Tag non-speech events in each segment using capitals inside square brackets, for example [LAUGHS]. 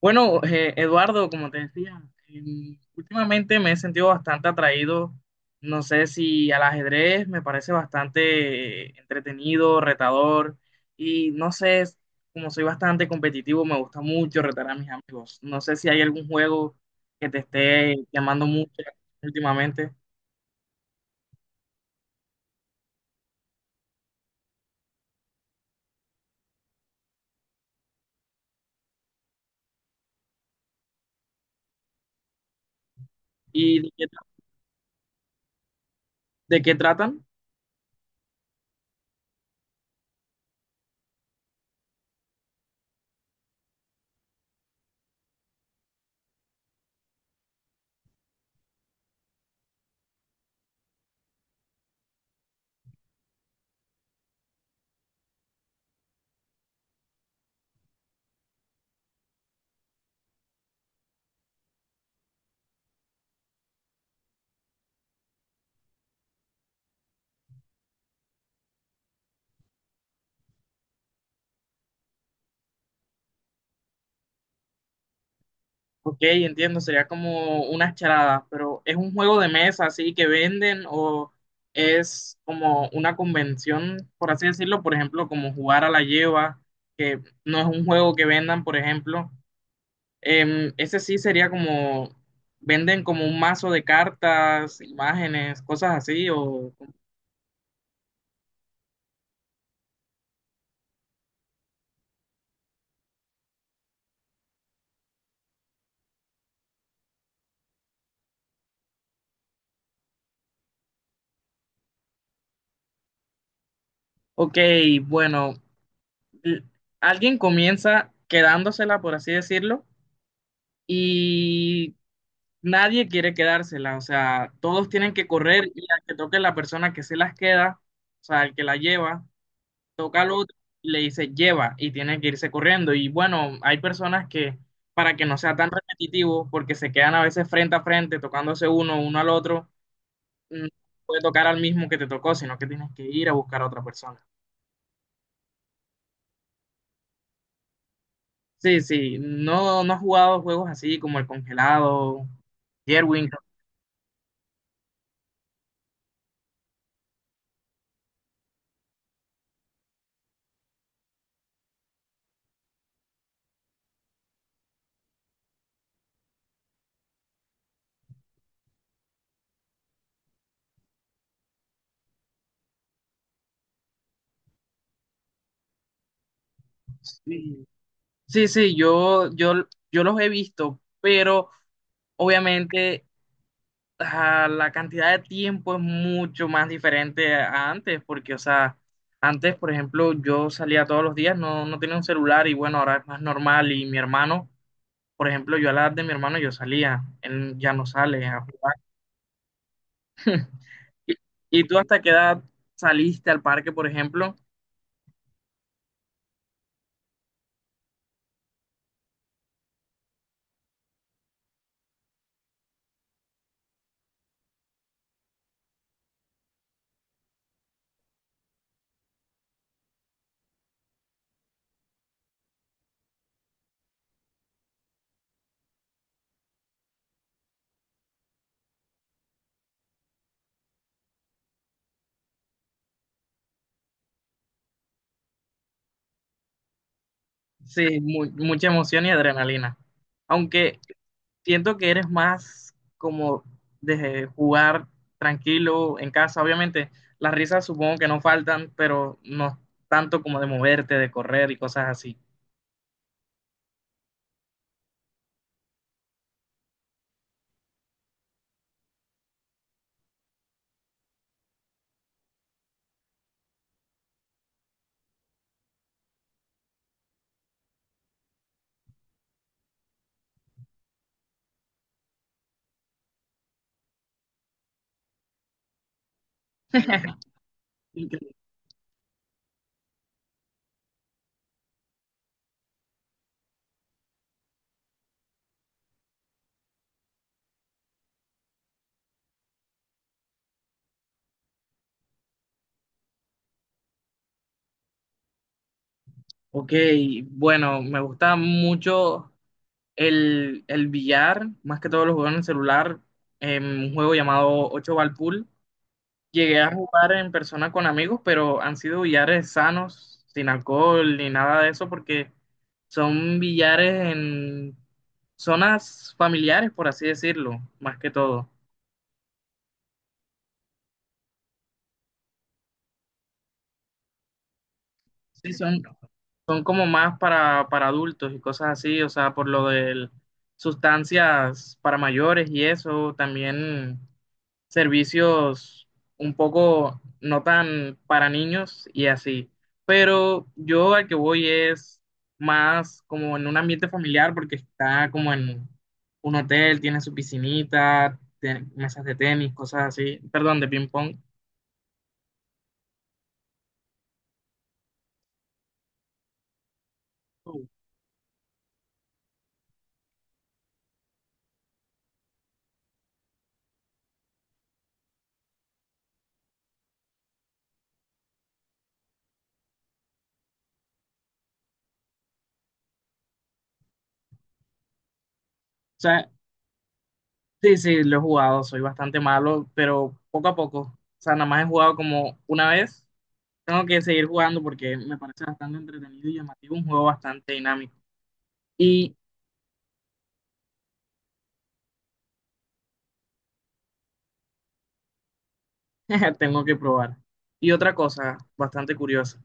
Bueno, Eduardo, como te decía, últimamente me he sentido bastante atraído, no sé si al ajedrez, me parece bastante entretenido, retador, y no sé, como soy bastante competitivo, me gusta mucho retar a mis amigos. No sé si hay algún juego que te esté llamando mucho últimamente. ¿Y de qué tratan? Ok, entiendo, sería como unas charadas, pero ¿es un juego de mesa así que venden o es como una convención, por así decirlo? Por ejemplo, como jugar a la lleva, que no es un juego que vendan, por ejemplo. Ese sí sería como, venden como un mazo de cartas, imágenes, cosas así, o... Ok, bueno, l- alguien comienza quedándosela, por así decirlo, y nadie quiere quedársela, o sea, todos tienen que correr y al que toque la persona que se las queda, o sea, el que la lleva, toca al otro y le dice lleva y tiene que irse corriendo. Y bueno, hay personas que para que no sea tan repetitivo, porque se quedan a veces frente a frente, tocándose uno al otro, no puede tocar al mismo que te tocó, sino que tienes que ir a buscar a otra persona. Sí, sí, no, no has jugado juegos así como el congelado, Jerwin. Sí, sí, sí, yo los he visto, pero obviamente la cantidad de tiempo es mucho más diferente a antes, porque, o sea, antes, por ejemplo, yo salía todos los días, no, no tenía un celular y bueno, ahora es más normal y mi hermano, por ejemplo, yo a la edad de mi hermano yo salía, él ya no sale a jugar. ¿Y, y tú hasta qué edad saliste al parque, por ejemplo? Sí, mucha emoción y adrenalina. Aunque siento que eres más como de jugar tranquilo en casa. Obviamente, las risas supongo que no faltan, pero no tanto como de moverte, de correr y cosas así. [LAUGHS] Increíble. Ok, bueno, me gusta mucho el billar, más que todo lo juego en el celular, en un juego llamado ocho Ball Pool. Llegué a jugar en persona con amigos, pero han sido billares sanos, sin alcohol ni nada de eso, porque son billares en zonas familiares, por así decirlo, más que todo. Sí, son como más para adultos y cosas así, o sea, por lo de sustancias para mayores y eso, también servicios un poco no tan para niños y así. Pero yo al que voy es más como en un ambiente familiar porque está como en un hotel, tiene su piscinita, mesas de tenis, cosas así, perdón, de ping pong. Oh, o sea, sí, sí, lo he jugado, soy bastante malo, pero poco a poco. O sea, nada más he jugado como una vez. Tengo que seguir jugando porque me parece bastante entretenido y llamativo, un juego bastante dinámico. y [LAUGHS] Tengo que probar. Y otra cosa bastante curiosa.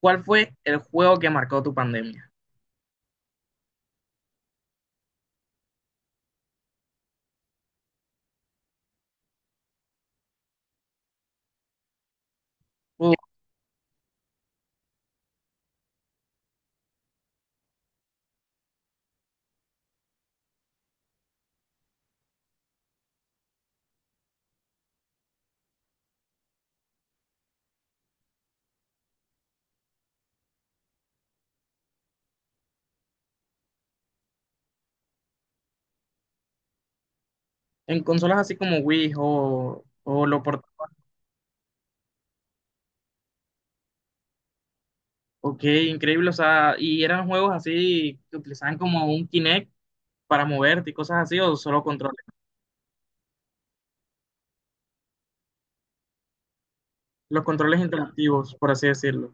¿Cuál fue el juego que marcó tu pandemia? Uh, ¿En consolas así como Wii o lo por...? Ok, increíble. O sea, y eran juegos así que utilizaban como un Kinect para moverte y cosas así, o solo controles. Los controles interactivos, por así decirlo.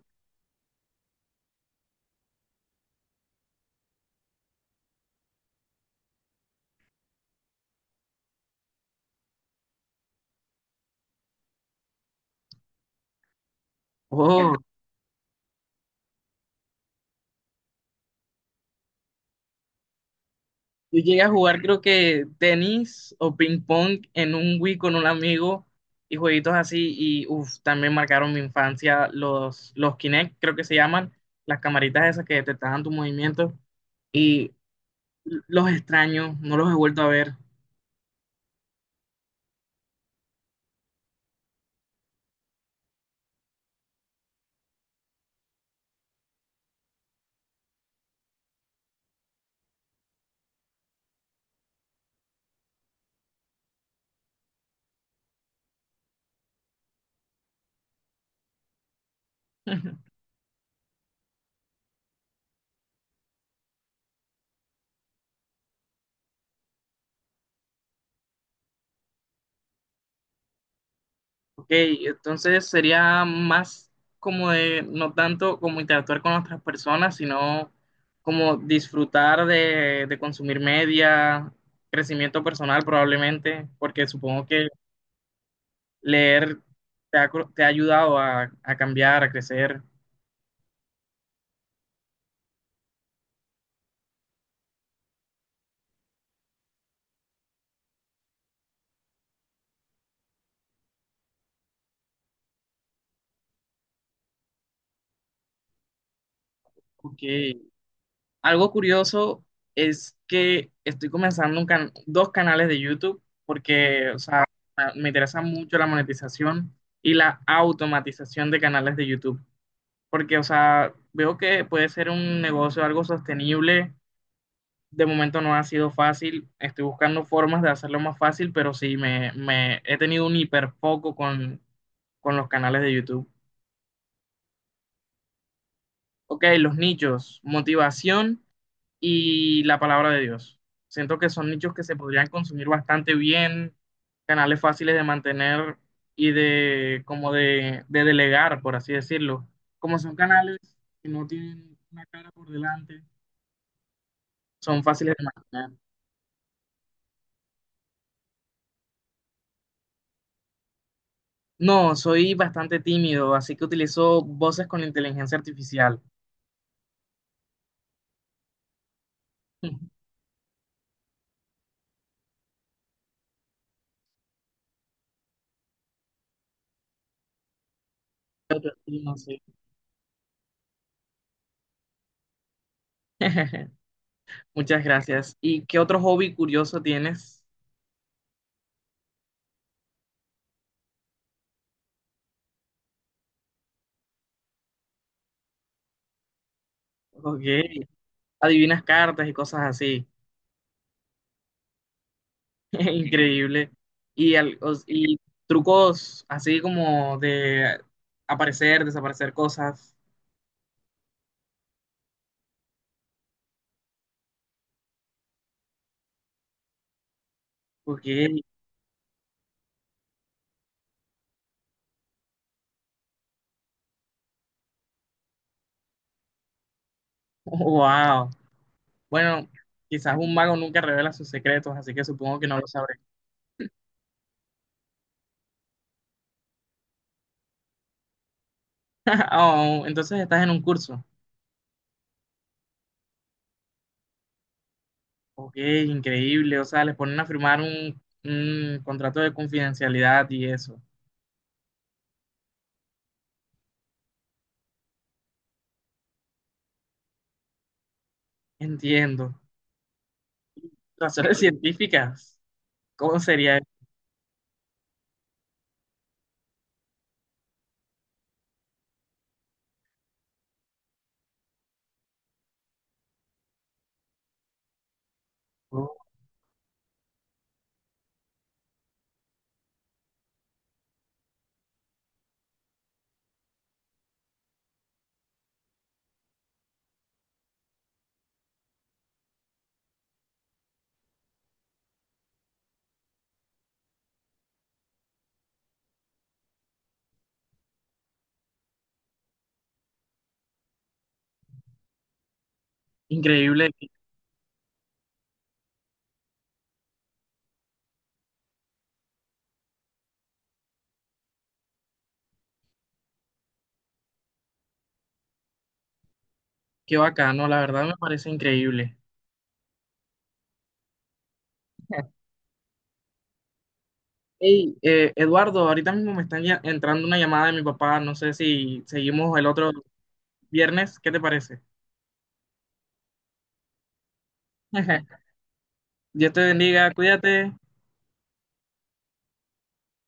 Oh, yo llegué a jugar creo que tenis o ping pong en un Wii con un amigo y jueguitos así y uf, también marcaron mi infancia los Kinect, creo que se llaman, las camaritas esas que detectaban tus movimientos y los extraño, no los he vuelto a ver. [LAUGHS] Ok, entonces sería más como de, no tanto como interactuar con otras personas, sino como disfrutar de consumir media, crecimiento personal probablemente, porque supongo que leer te ha, te ha ayudado a cambiar, a crecer. Ok. Algo curioso es que estoy comenzando un dos canales de YouTube porque, o sea, me interesa mucho la monetización y la automatización de canales de YouTube. Porque, o sea, veo que puede ser un negocio algo sostenible. De momento no ha sido fácil. Estoy buscando formas de hacerlo más fácil, pero sí, me he tenido un hiperfoco con los canales de YouTube. Ok, los nichos, motivación y la palabra de Dios. Siento que son nichos que se podrían consumir bastante bien, canales fáciles de mantener y de como de delegar, por así decirlo. Como son canales que no tienen una cara por delante, son fáciles de imaginar. No, soy bastante tímido, así que utilizo voces con inteligencia artificial. [LAUGHS] Sí, no sé. [LAUGHS] Muchas gracias. ¿Y qué otro hobby curioso tienes? Ok, adivinas cartas y cosas así. [LAUGHS] Increíble. Y trucos así como de aparecer, desaparecer cosas. Ok, [LAUGHS] wow. Bueno, quizás un mago nunca revela sus secretos, así que supongo que no lo sabré. [LAUGHS] Oh, entonces estás en un curso. Ok, increíble. O sea, les ponen a firmar un contrato de confidencialidad y eso. Entiendo. Razones científicas. ¿Cómo sería eso? Increíble. Qué bacano. La verdad me parece increíble. [LAUGHS] Hey, Eduardo, ahorita mismo me está entrando una llamada de mi papá. No sé si seguimos el otro viernes. ¿Qué te parece? [LAUGHS] Dios te bendiga. Cuídate.